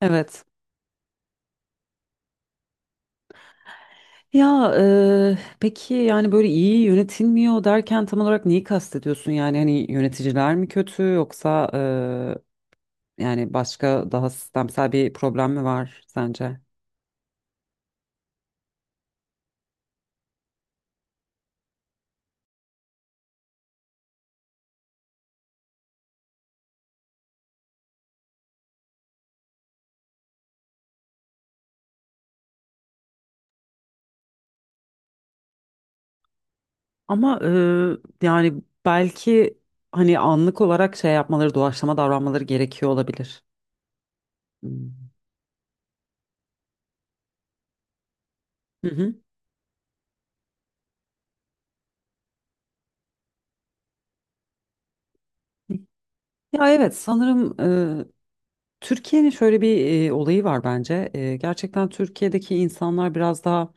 Evet. Ya peki yani böyle iyi yönetilmiyor derken tam olarak neyi kastediyorsun? Yani hani yöneticiler mi kötü yoksa yani başka daha sistemsel bir problem mi var sence? Ama yani belki hani anlık olarak şey yapmaları, doğaçlama davranmaları gerekiyor olabilir. Hmm. Hı hı. Ya evet sanırım e, Türkiye'nin şöyle bir olayı var bence. Gerçekten Türkiye'deki insanlar biraz daha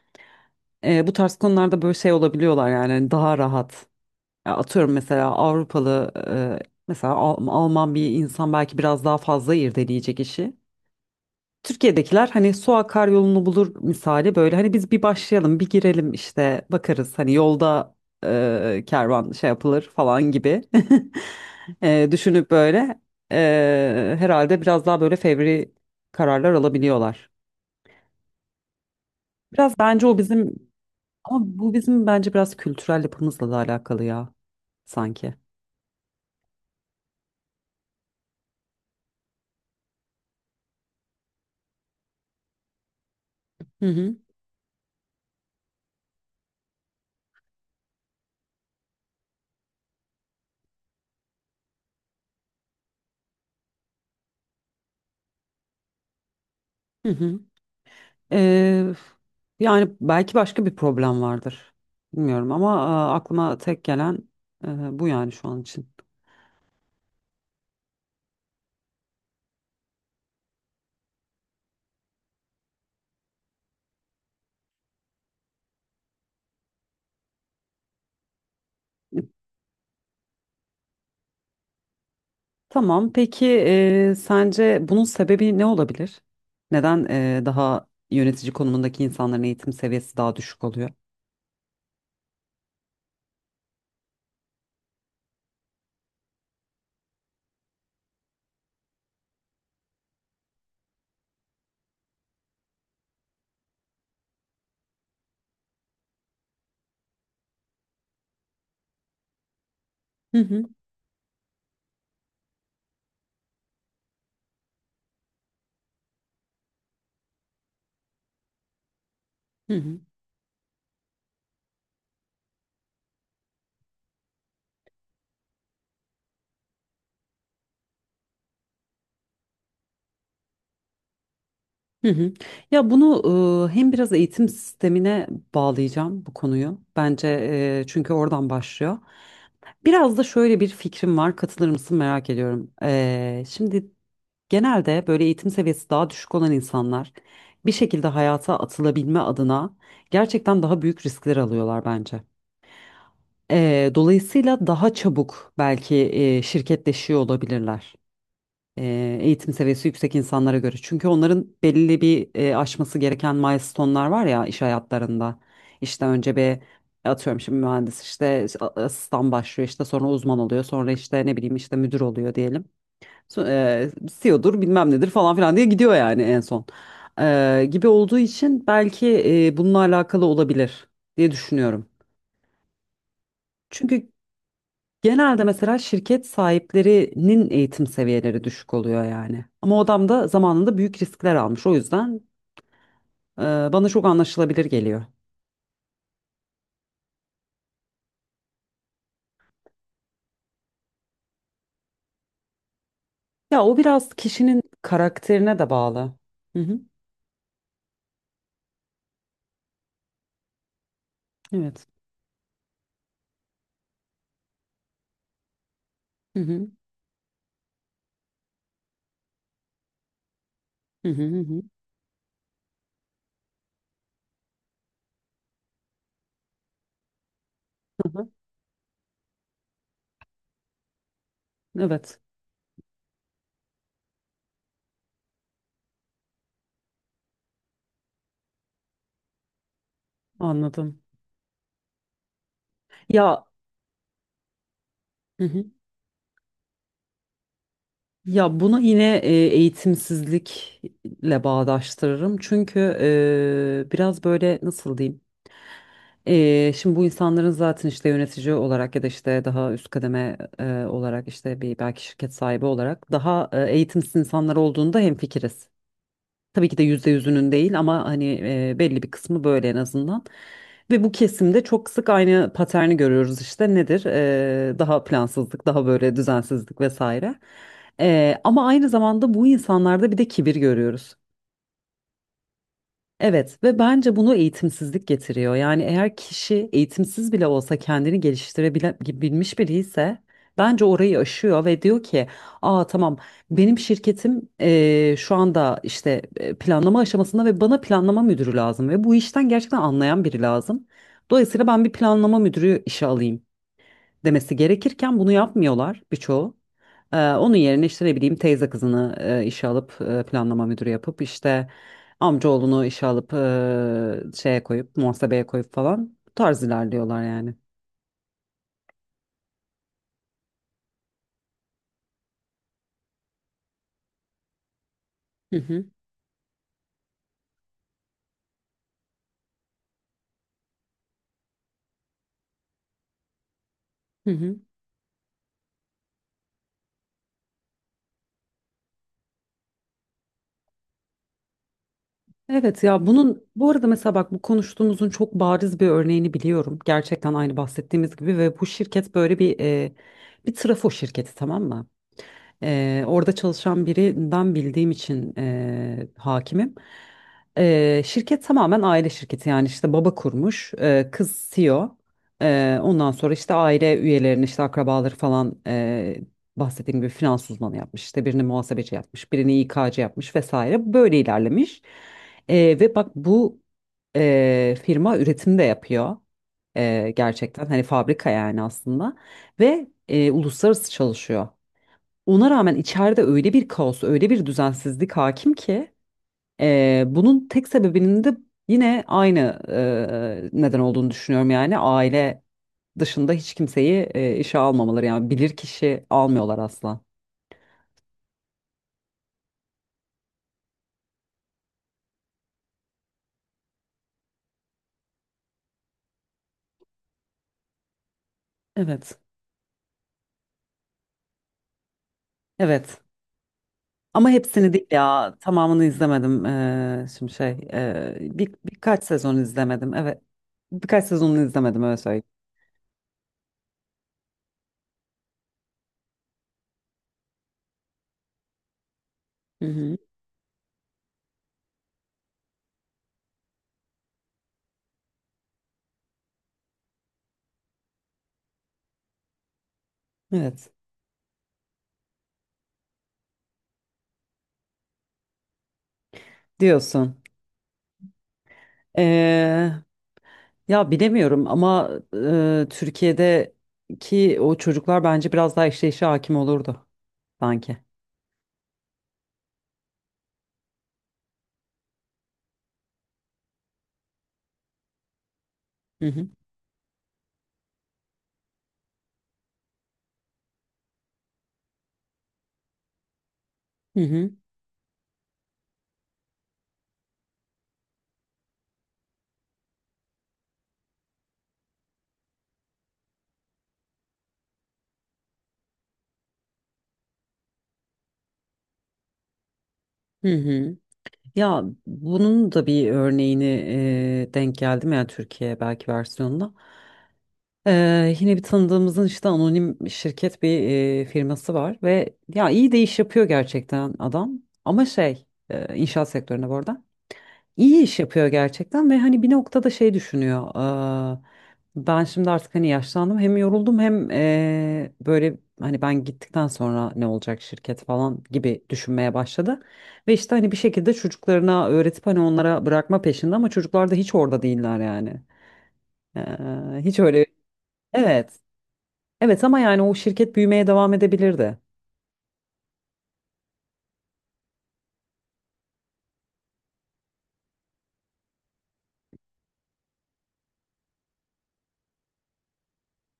bu tarz konularda böyle şey olabiliyorlar yani hani daha rahat. Ya atıyorum mesela Avrupalı mesela Alman bir insan belki biraz daha fazla irdeleyecek işi. Türkiye'dekiler hani su akar yolunu bulur misali, böyle hani biz bir başlayalım bir girelim işte bakarız hani yolda kervan şey yapılır falan gibi. Düşünüp böyle herhalde biraz daha böyle fevri kararlar alabiliyorlar. Biraz bence o bizim, ama bu bizim bence biraz kültürel yapımızla da alakalı ya, sanki. Hı hı, hı hı. E, yani belki başka bir problem vardır. Bilmiyorum ama aklıma tek gelen bu, yani şu an için. Tamam. Peki sence bunun sebebi ne olabilir? Neden daha yönetici konumundaki insanların eğitim seviyesi daha düşük oluyor? Hı hı. Hı hı. Hı hı. Ya bunu hem biraz eğitim sistemine bağlayacağım bu konuyu. Bence çünkü oradan başlıyor. Biraz da şöyle bir fikrim var. Katılır mısın merak ediyorum. Şimdi genelde böyle eğitim seviyesi daha düşük olan insanlar bir şekilde hayata atılabilme adına gerçekten daha büyük riskler alıyorlar bence. Dolayısıyla daha çabuk belki şirketleşiyor olabilirler, eğitim seviyesi yüksek insanlara göre. Çünkü onların belli bir aşması gereken milestone'lar var ya, iş hayatlarında. İşte önce bir atıyorum şimdi mühendis işte asistan başlıyor, işte sonra uzman oluyor, sonra işte ne bileyim işte müdür oluyor diyelim. So- E, CEO'dur bilmem nedir falan filan diye gidiyor yani en son. Gibi olduğu için belki bununla alakalı olabilir diye düşünüyorum. Çünkü genelde mesela şirket sahiplerinin eğitim seviyeleri düşük oluyor yani. Ama o adam da zamanında büyük riskler almış. O yüzden e, bana çok anlaşılabilir geliyor. Ya o biraz kişinin karakterine de bağlı. Hı hı. Evet. Hı hı. Hı hı. Hı hı. Hı hı. Evet. Anladım. Ya, hı hı. Ya bunu yine eğitimsizlikle bağdaştırırım. Çünkü biraz böyle, nasıl diyeyim? Şimdi bu insanların zaten işte yönetici olarak ya da işte daha üst kademe olarak, işte bir belki şirket sahibi olarak daha eğitimsiz insanlar olduğunda hemfikiriz. Tabii ki de %100'ünün değil, ama hani belli bir kısmı böyle, en azından. Ve bu kesimde çok sık aynı paterni görüyoruz. İşte nedir? Daha plansızlık, daha böyle düzensizlik vesaire. Ama aynı zamanda bu insanlarda bir de kibir görüyoruz. Evet, ve bence bunu eğitimsizlik getiriyor. Yani eğer kişi eğitimsiz bile olsa kendini geliştirebilmiş biri ise bence orayı aşıyor ve diyor ki, aa tamam, benim şirketim şu anda işte planlama aşamasında ve bana planlama müdürü lazım ve bu işten gerçekten anlayan biri lazım. Dolayısıyla ben bir planlama müdürü işe alayım demesi gerekirken, bunu yapmıyorlar birçoğu. Onun yerine işte ne bileyim teyze kızını işe alıp planlama müdürü yapıp, işte amcaoğlunu işe alıp şeye koyup, muhasebeye koyup falan, bu tarz ilerliyorlar yani. Hı hı. Hı hı. Evet, ya bunun bu arada mesela bak, bu konuştuğumuzun çok bariz bir örneğini biliyorum. Gerçekten aynı bahsettiğimiz gibi ve bu şirket böyle bir trafo şirketi, tamam mı? Orada çalışan birinden bildiğim için hakimim. Şirket tamamen aile şirketi, yani işte baba kurmuş, kız CEO. Ondan sonra işte aile üyelerini, işte akrabaları falan, bahsettiğim gibi finans uzmanı yapmış. İşte birini muhasebeci yapmış, birini İK'cı yapmış vesaire. Böyle ilerlemiş. Ve bak, bu firma üretim de yapıyor. Gerçekten hani fabrika yani aslında, ve uluslararası çalışıyor. Ona rağmen içeride öyle bir kaos, öyle bir düzensizlik hakim ki bunun tek sebebinin de yine aynı neden olduğunu düşünüyorum, yani aile dışında hiç kimseyi işe almamaları, yani bilir kişi almıyorlar asla. Evet, evet. Ama hepsini değil ya, tamamını izlemedim. Şimdi şey birkaç sezon izlemedim. Evet, birkaç sezonunu izlemedim öyle söyleyeyim. Hı hı. Evet, diyorsun. Eee Ya bilemiyorum ama Türkiye'deki o çocuklar bence biraz daha işleyişe hakim olurdu sanki. Hı hı. Hı hı. Hı hı. Ya bunun da bir örneğini denk geldim, ya Türkiye belki versiyonunda? Yine bir tanıdığımızın işte anonim şirket bir firması var ve, ya iyi de iş yapıyor gerçekten adam. Ama şey, inşaat sektöründe bu arada. İyi iş yapıyor gerçekten ve hani bir noktada şey düşünüyor: "Aa, ben şimdi artık hani yaşlandım, hem yoruldum, hem böyle hani ben gittikten sonra ne olacak şirket," falan gibi düşünmeye başladı. Ve işte hani bir şekilde çocuklarına öğretip hani onlara bırakma peşinde, ama çocuklar da hiç orada değiller yani. Hiç öyle. Evet. Evet, ama yani o şirket büyümeye devam edebilirdi.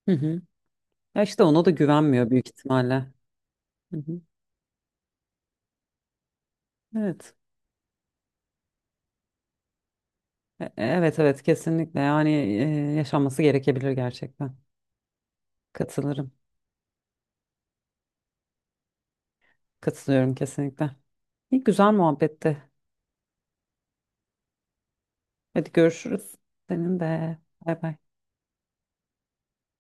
Hı hı. Ya işte ona da güvenmiyor büyük ihtimalle. Hı hı. Evet. Evet, evet, kesinlikle yani, yaşanması gerekebilir gerçekten. Katılırım. Katılıyorum kesinlikle. İyi güzel muhabbetti. Hadi görüşürüz. Senin de. Bay bay.